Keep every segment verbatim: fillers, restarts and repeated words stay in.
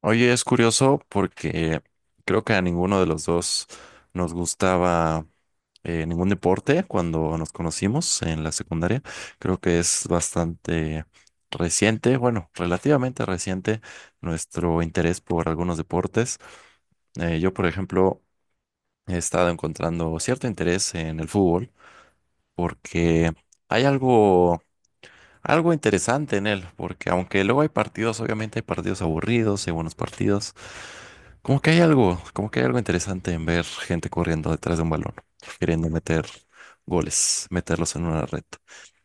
Oye, es curioso porque creo que a ninguno de los dos nos gustaba eh, ningún deporte cuando nos conocimos en la secundaria. Creo que es bastante reciente, bueno, relativamente reciente nuestro interés por algunos deportes. Eh, yo, por ejemplo, he estado encontrando cierto interés en el fútbol porque hay algo, algo interesante en él, porque aunque luego hay partidos, obviamente hay partidos aburridos, hay buenos partidos, como que hay algo, como que hay algo interesante en ver gente corriendo detrás de un balón, queriendo meter goles, meterlos en una red.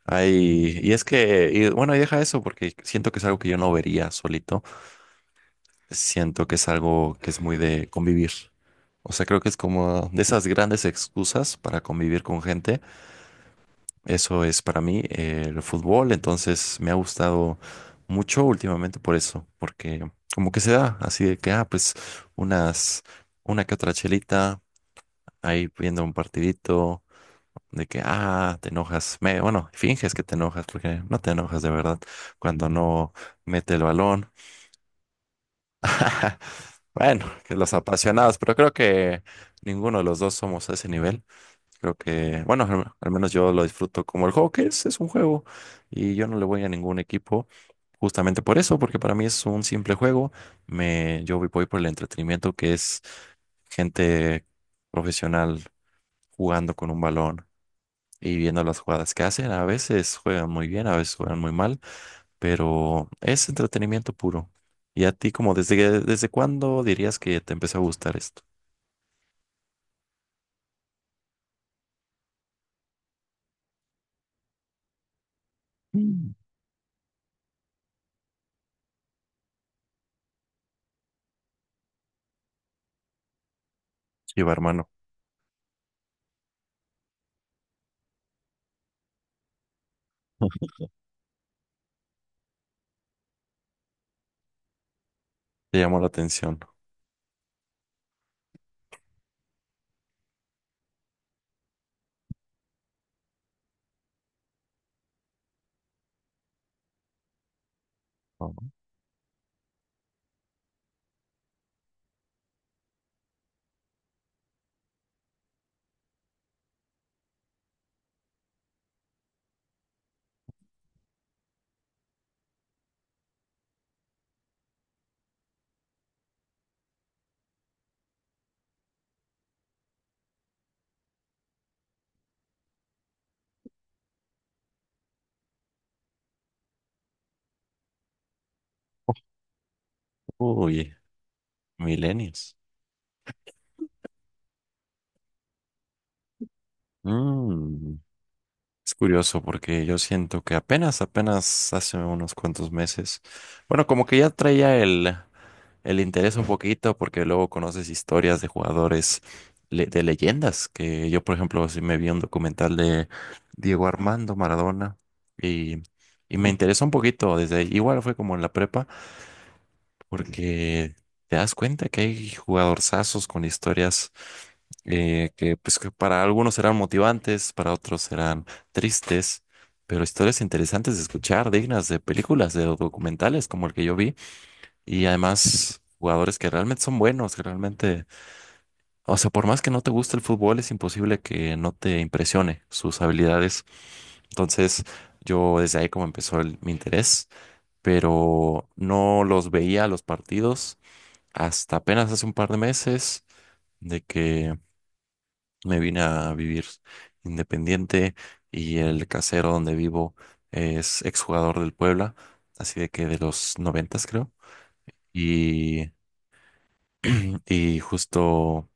Ay, y es que, y bueno, y deja eso porque siento que es algo que yo no vería solito. Siento que es algo que es muy de convivir. O sea, creo que es como de esas grandes excusas para convivir con gente. Eso es para mí, eh, el fútbol, entonces me ha gustado mucho últimamente por eso, porque como que se da, así de que, ah, pues unas, una que otra chelita, ahí viendo un partidito, de que, ah, te enojas, me, bueno, finges que te enojas, porque no te enojas de verdad cuando no mete el balón. Bueno, que los apasionados, pero creo que ninguno de los dos somos a ese nivel. Creo que, bueno, al al menos yo lo disfruto como el juego que es, es un juego, y yo no le voy a ningún equipo. Justamente por eso, porque para mí es un simple juego. Me, yo voy voy por el entretenimiento que es gente profesional jugando con un balón y viendo las jugadas que hacen. A veces juegan muy bien, a veces juegan muy mal, pero es entretenimiento puro. ¿Y a ti, como desde, que- desde cuándo dirías que te empezó a gustar esto? Mm. Chiva, hermano, te llamó la atención. Oh. Uy, milenios. Es curioso porque yo siento que apenas, apenas hace unos cuantos meses, bueno, como que ya traía el, el interés un poquito porque luego conoces historias de jugadores, le- de leyendas, que yo, por ejemplo, sí me vi un documental de Diego Armando Maradona y, y me interesó un poquito desde, igual fue como en la prepa, porque te das cuenta que hay jugadorzazos con historias, eh, que, pues, que para algunos serán motivantes, para otros serán tristes, pero historias interesantes de escuchar, dignas de películas, de documentales como el que yo vi, y además jugadores que realmente son buenos, que realmente, o sea, por más que no te guste el fútbol, es imposible que no te impresione sus habilidades. Entonces, yo desde ahí como empezó el- mi interés, pero no los veía los partidos hasta apenas hace un par de meses, de que me vine a vivir independiente y el casero donde vivo es exjugador del Puebla, así de que de los noventas, creo. Y, y justo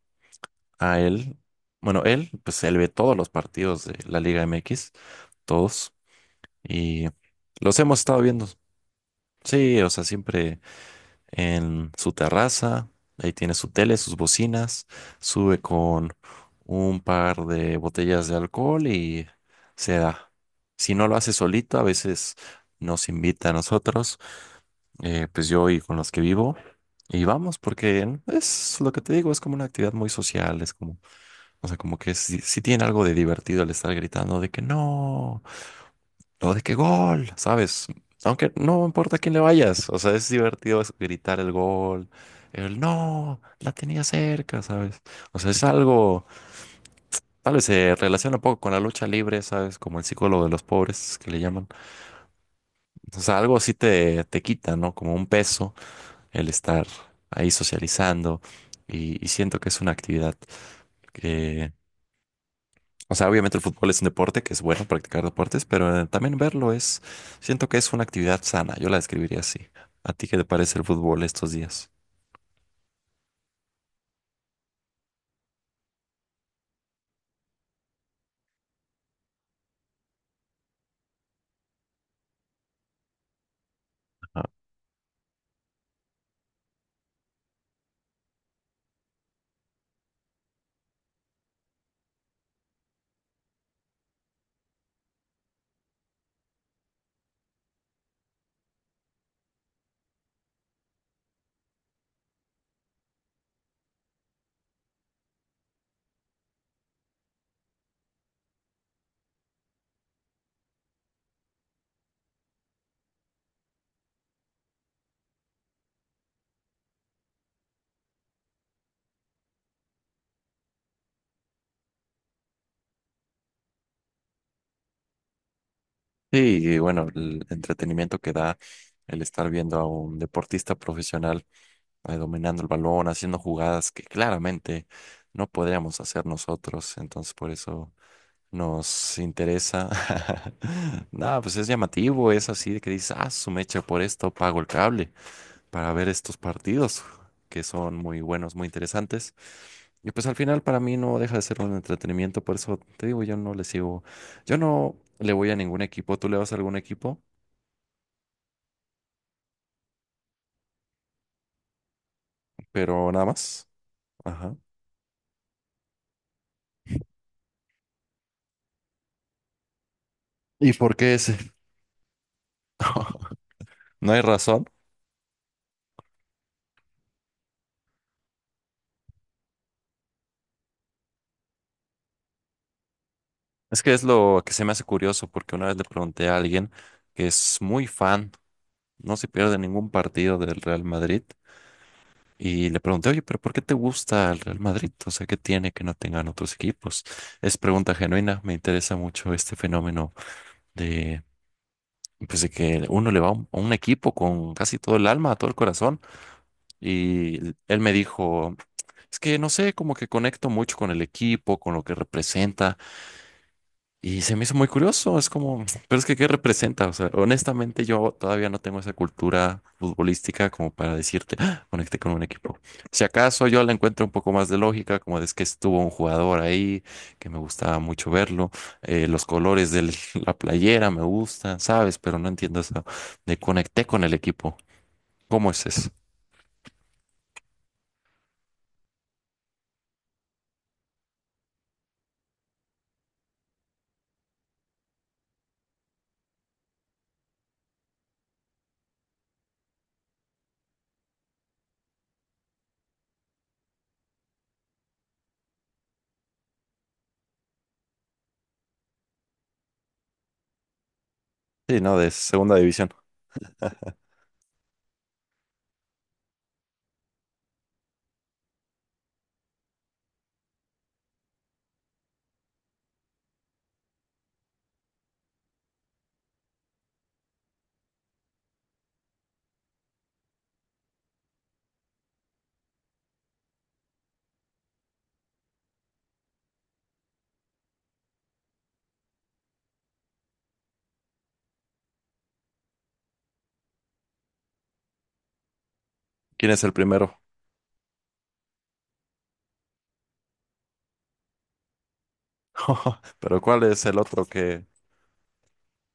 a él, bueno, él, pues él ve todos los partidos de la Liga M X, todos, y los hemos estado viendo. Sí, o sea, siempre en su terraza, ahí tiene su tele, sus bocinas, sube con un par de botellas de alcohol y se da. Si no lo hace solito, a veces nos invita a nosotros, eh, pues yo y con los que vivo, y vamos, porque es lo que te digo, es como una actividad muy social, es como, o sea, como que sí, sí tiene algo de divertido el estar gritando de que no. Todo de que gol, ¿sabes? Aunque no importa a quién le vayas, o sea, es divertido es- gritar el gol, el no, la tenía cerca, ¿sabes? O sea, es algo, tal vez se relaciona un poco con la lucha libre, ¿sabes? Como el psicólogo de los pobres que le llaman. O sea, algo así te, te quita, ¿no? Como un peso el estar ahí socializando y, y siento que es una actividad. O sea, obviamente el fútbol es un deporte, que es bueno practicar deportes, pero eh, también verlo es, siento que es una actividad sana, yo la describiría así. ¿A ti qué te parece el fútbol estos días? Ajá. Sí, y bueno, el entretenimiento que da el estar viendo a un deportista profesional, eh, dominando el balón, haciendo jugadas que claramente no podríamos hacer nosotros, entonces por eso nos interesa. Nada, pues es llamativo, es así de que dices, ah, su mecha, por esto pago el cable, para ver estos partidos que son muy buenos, muy interesantes. Y pues al final para mí no deja de ser un entretenimiento, por eso te digo, yo no le sigo, yo no le voy a ningún equipo, tú le vas a algún equipo, pero nada más. Ajá. ¿Y por qué ese? No hay razón. Es que es lo que se me hace curioso, porque una vez le pregunté a alguien que es muy fan, no se pierde ningún partido del Real Madrid, y le pregunté, oye, pero ¿por qué te gusta el Real Madrid? O sea, ¿qué tiene que no tengan otros equipos? Es pregunta genuina, me interesa mucho este fenómeno de, pues, de que uno le va a un, a un equipo con casi todo el alma, todo el corazón. Y él me dijo, es que no sé, como que conecto mucho con el equipo, con lo que representa. Y se me hizo muy curioso, es como, pero es que ¿qué representa? O sea, honestamente yo todavía no tengo esa cultura futbolística como para decirte, "Ah, conecté con un equipo". Si acaso yo la encuentro un poco más de lógica, como de es que estuvo un jugador ahí, que me gustaba mucho verlo, eh, los colores de la playera me gustan, ¿sabes? Pero no entiendo eso de conecté con el equipo. ¿Cómo es eso? Sí, no, de segunda división. ¿Quién es el primero? Pero ¿cuál es el otro que...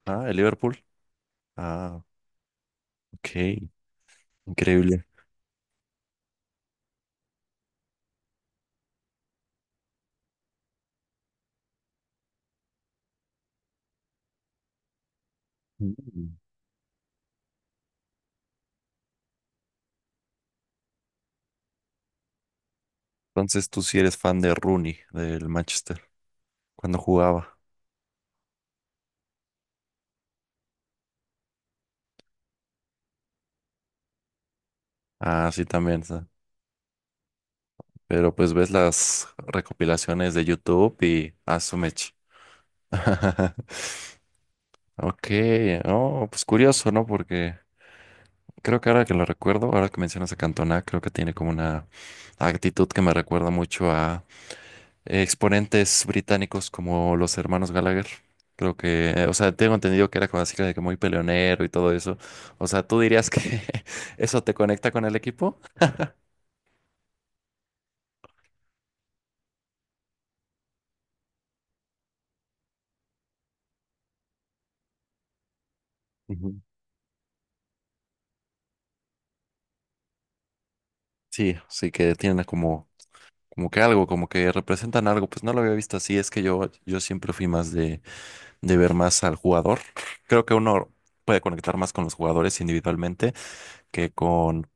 Ah, el Liverpool. Ah, ok. Increíble. Mm. Entonces tú sí eres fan de Rooney, del Manchester, cuando jugaba. Ah, sí, también. Sí. Pero pues ves las recopilaciones de YouTube y a su mecha. Ok, no, pues curioso, ¿no? Porque creo que ahora que lo recuerdo, ahora que mencionas a Cantona, creo que tiene como una actitud que me recuerda mucho exponentes británicos como los hermanos Gallagher. Creo que, eh, o sea, tengo entendido que era como así de que muy peleonero y todo eso. O sea, ¿tú dirías que eso te conecta con el equipo? Ujú. Sí, sí que tienen como, como que algo, como que representan algo. Pues no lo había visto así, es que yo, yo siempre fui más de, de ver más al jugador. Creo que uno puede conectar más con los jugadores individualmente que con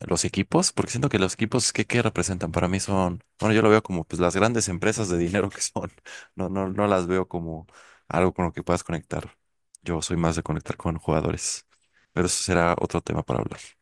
los equipos, porque siento que los equipos que, que representan para mí son, bueno, yo lo veo como pues las grandes empresas de dinero que son, no, no, no las veo como algo con lo que puedas conectar. Yo soy más de conectar con jugadores, pero eso será otro tema para hablar.